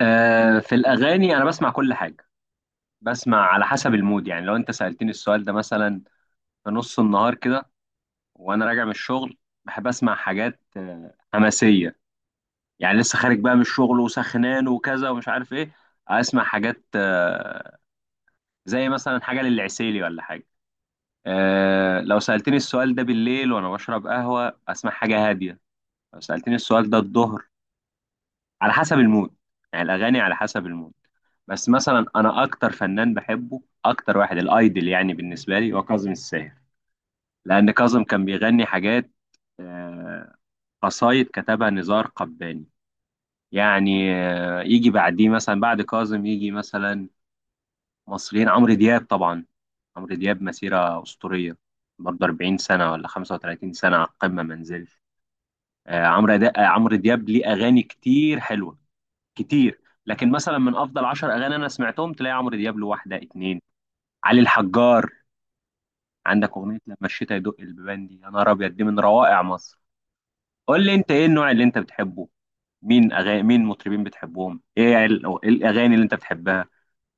في الأغاني أنا بسمع كل حاجة. بسمع على حسب المود. يعني لو أنت سألتني السؤال ده مثلا في نص النهار كده وأنا راجع من الشغل، بحب أسمع حاجات حماسية. يعني لسه خارج بقى من الشغل وسخنان وكذا ومش عارف إيه، أسمع حاجات زي مثلا حاجة للعسيلي ولا حاجة. لو سألتني السؤال ده بالليل وأنا بشرب قهوة أسمع حاجة هادية. لو سألتني السؤال ده الظهر، على حسب المود. يعني الاغاني على حسب المود. بس مثلا انا اكتر فنان بحبه، اكتر واحد الايدل يعني بالنسبه لي، هو كاظم الساهر. لان كاظم كان بيغني حاجات آه، قصايد كتبها نزار قباني. يعني يجي بعديه مثلا، بعد كاظم يجي مثلا مصريين، عمرو دياب طبعا. عمرو دياب مسيره اسطوريه، برضه 40 سنه ولا 35 سنه على القمه ما نزلش. آه، عمرو دا- آه، عمرو دياب ليه اغاني كتير حلوه كتير، لكن مثلا من افضل 10 اغاني انا سمعتهم تلاقي عمرو دياب له واحده اتنين. علي الحجار، عندك اغنيه لما الشتا يدق البيبان، دي يا نهار ابيض، دي من روائع مصر. قول لي انت ايه النوع اللي انت بتحبه؟ مين اغاني، مين مطربين بتحبهم؟ ايه إيه الاغاني اللي انت بتحبها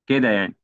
كده يعني؟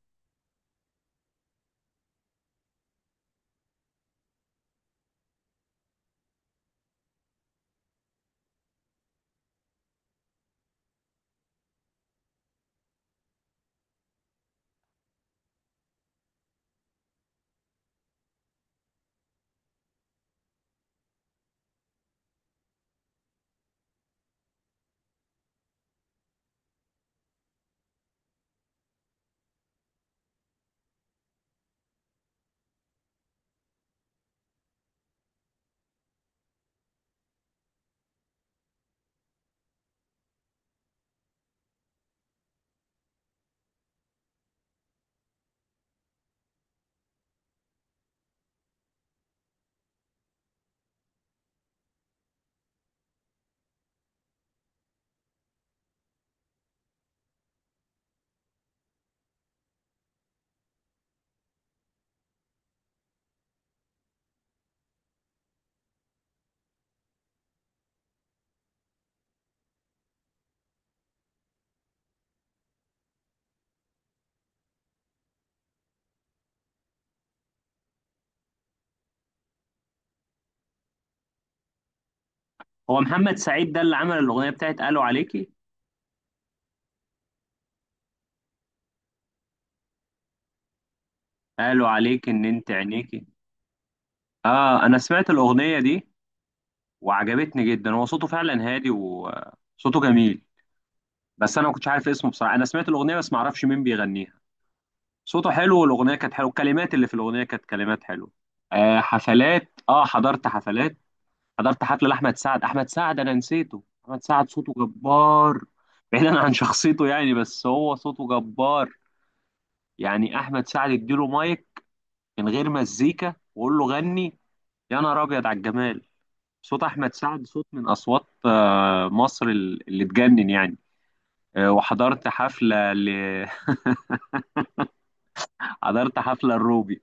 هو محمد سعيد ده اللي عمل الاغنيه بتاعت قالوا عليكي؟ قالوا عليكي ان انت عينيكي؟ اه انا سمعت الاغنيه دي وعجبتني جدا، هو صوته فعلا هادي وصوته جميل. بس انا ما كنتش عارف اسمه بصراحه، انا سمعت الاغنيه بس ما اعرفش مين بيغنيها. صوته حلو والاغنيه كانت حلوه، الكلمات اللي في الاغنيه كانت كلمات حلوه. آه حفلات، اه حضرت حفلات. حضرت حفله لاحمد سعد، احمد سعد انا نسيته. احمد سعد صوته جبار، بعيدا عن شخصيته يعني، بس هو صوته جبار. يعني احمد سعد اديله مايك من غير مزيكا وقول له غني يا نهار ابيض على الجمال. صوت احمد سعد صوت من اصوات مصر اللي تجنن يعني. آه وحضرت حفله ل... حضرت حفله الروبي.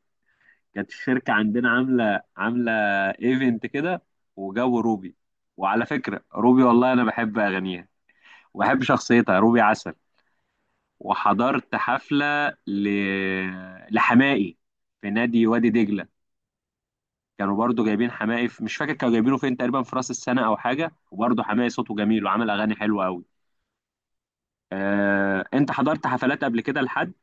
كانت الشركة عندنا عاملة ايفنت كده، وجابوا روبي. وعلى فكرة روبي والله أنا بحب أغانيها وبحب شخصيتها، روبي عسل. وحضرت حفلة ل... لحماقي في نادي وادي دجلة. كانوا برضو جايبين حماقي في... مش فاكر كانوا جايبينه فين، تقريبا في راس السنة أو حاجة. وبرضو حماقي صوته جميل وعمل أغاني حلوة أوي. آه... أنت حضرت حفلات قبل كده لحد؟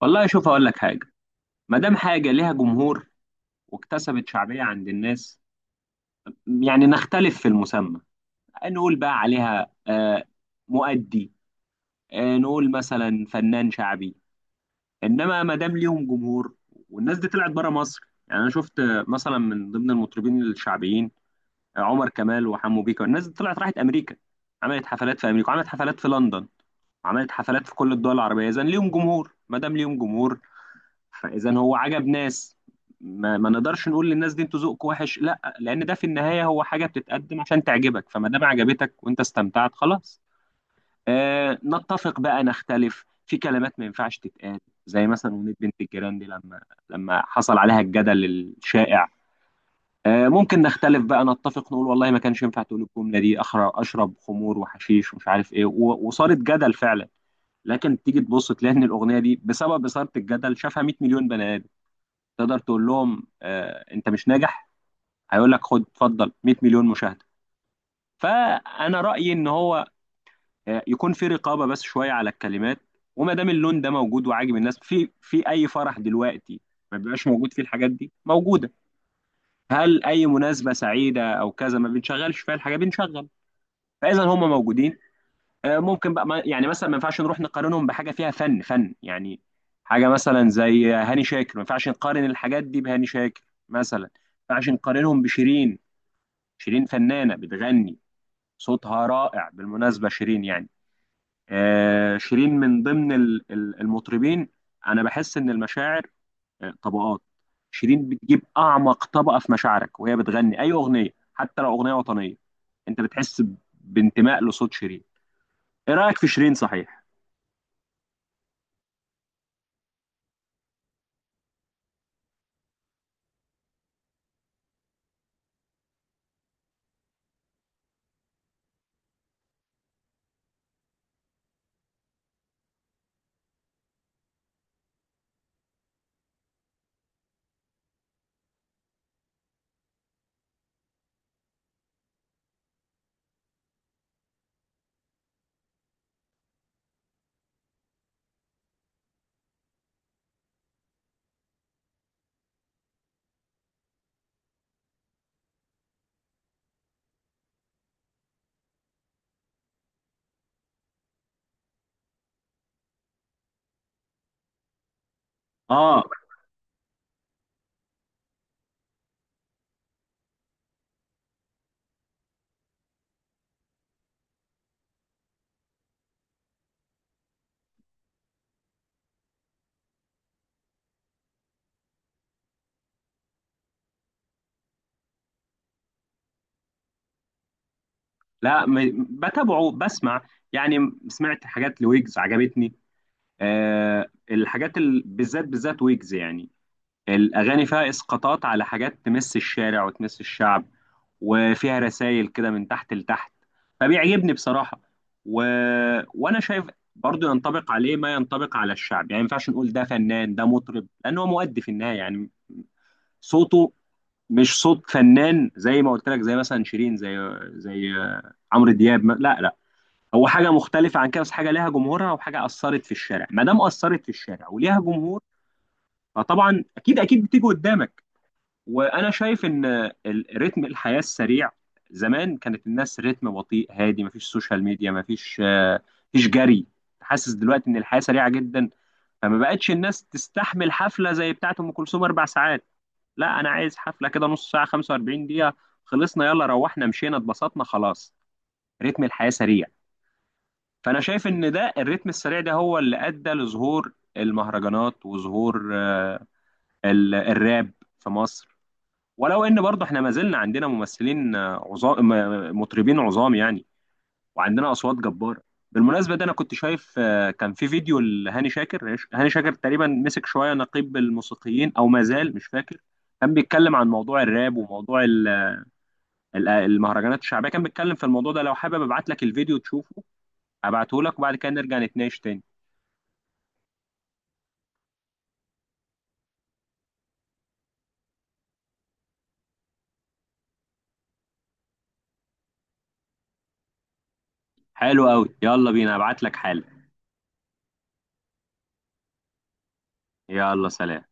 والله شوف أقول لك حاجة. ما دام حاجة ليها جمهور واكتسبت شعبية عند الناس، يعني نختلف في المسمى، نقول بقى عليها مؤدي، نقول مثلا فنان شعبي، انما ما دام ليهم جمهور، والناس دي طلعت بره مصر. يعني انا شفت مثلا من ضمن المطربين الشعبيين عمر كمال وحمو بيكا، الناس دي طلعت راحت امريكا، عملت حفلات في امريكا، وعملت حفلات في لندن، وعملت حفلات في كل الدول العربيه. اذا ليهم جمهور، ما دام ليهم جمهور، فاذا هو عجب ناس، ما نقدرش نقول للناس دي انتوا ذوقكم وحش. لا، لان ده في النهايه هو حاجه بتتقدم عشان تعجبك، فما دام عجبتك وانت استمتعت، خلاص. آه نتفق بقى، نختلف في كلمات ما ينفعش تتقال، زي مثلا أغنية بنت الجيران دي لما حصل عليها الجدل الشائع. آه ممكن نختلف بقى، نتفق نقول والله ما كانش ينفع تقول الجملة دي، أخر أشرب خمور وحشيش ومش عارف إيه، وصارت جدل فعلا. لكن تيجي تبص تلاقي إن الأغنية دي بسبب إثارة الجدل شافها 100 مليون بني آدم. تقدر تقول لهم آه أنت مش ناجح؟ هيقول لك خد اتفضل، 100 مليون مشاهدة. فأنا رأيي إن هو يكون في رقابه بس شويه على الكلمات. وما دام اللون ده موجود وعاجب الناس، في اي فرح دلوقتي ما بيبقاش موجود فيه؟ الحاجات دي موجوده. هل اي مناسبه سعيده او كذا ما بنشغلش فيها الحاجات دي؟ بنشغل. فاذا هم موجودين آه، ممكن بقى ما- يعني مثلا ما ينفعش نروح نقارنهم بحاجه فيها فن، فن يعني. حاجه مثلا زي هاني شاكر، ما ينفعش نقارن الحاجات دي بهاني شاكر مثلا. ما ينفعش نقارنهم بشيرين. شيرين فنانه بتغني، صوتها رائع بالمناسبه شيرين يعني. شيرين من ضمن المطربين. انا بحس ان المشاعر طبقات، شيرين بتجيب اعمق طبقه في مشاعرك وهي بتغني اي اغنيه، حتى لو اغنيه وطنيه انت بتحس بانتماء لصوت شيرين. ايه رايك في شيرين، صحيح؟ اه، لا بتابعه، بسمع يعني. سمعت حاجات لويجز عجبتني. آه الحاجات ال... بالذات، ويجز يعني، الأغاني فيها إسقاطات على حاجات تمس الشارع وتمس الشعب، وفيها رسائل كده من تحت لتحت. فبيعجبني بصراحة. و... وأنا شايف برضو ينطبق عليه ما ينطبق على الشعب. يعني ما ينفعش نقول ده فنان، ده مطرب، لأن هو مؤدي في النهاية يعني. صوته مش صوت فنان زي ما قلت لك، زي مثلا شيرين، زي عمرو دياب لا، هو حاجة مختلفة عن كده، بس حاجة ليها جمهورها وحاجة أثرت في الشارع. ما دام أثرت في الشارع وليها جمهور، فطبعا أكيد بتيجي قدامك. وانا شايف ان رتم الحياه السريع، زمان كانت الناس رتم بطيء هادي، مفيش سوشيال ميديا، مفيش مفيش جري. حاسس دلوقتي ان الحياه سريعه جدا، فما بقتش الناس تستحمل حفله زي بتاعه ام كلثوم اربع ساعات. لا انا عايز حفله كده نص ساعه، 45 دقيقه، خلصنا يلا روحنا مشينا اتبسطنا خلاص. رتم الحياه سريع. فانا شايف ان ده الرتم السريع ده هو اللي ادى لظهور المهرجانات وظهور الراب في مصر. ولو ان برضه احنا ما زلنا عندنا ممثلين مطربين عظام يعني، وعندنا اصوات جباره. بالمناسبه ده انا كنت شايف كان في فيديو لهاني شاكر. هاني شاكر تقريبا مسك شويه نقيب الموسيقيين او ما زال مش فاكر، كان بيتكلم عن موضوع الراب وموضوع المهرجانات الشعبيه. كان بيتكلم في الموضوع ده، لو حابب ابعت لك الفيديو تشوفه، ابعته لك وبعد كده نرجع نتناقش تاني. حلو قوي، يلا بينا، ابعت لك حالا. يلا سلام.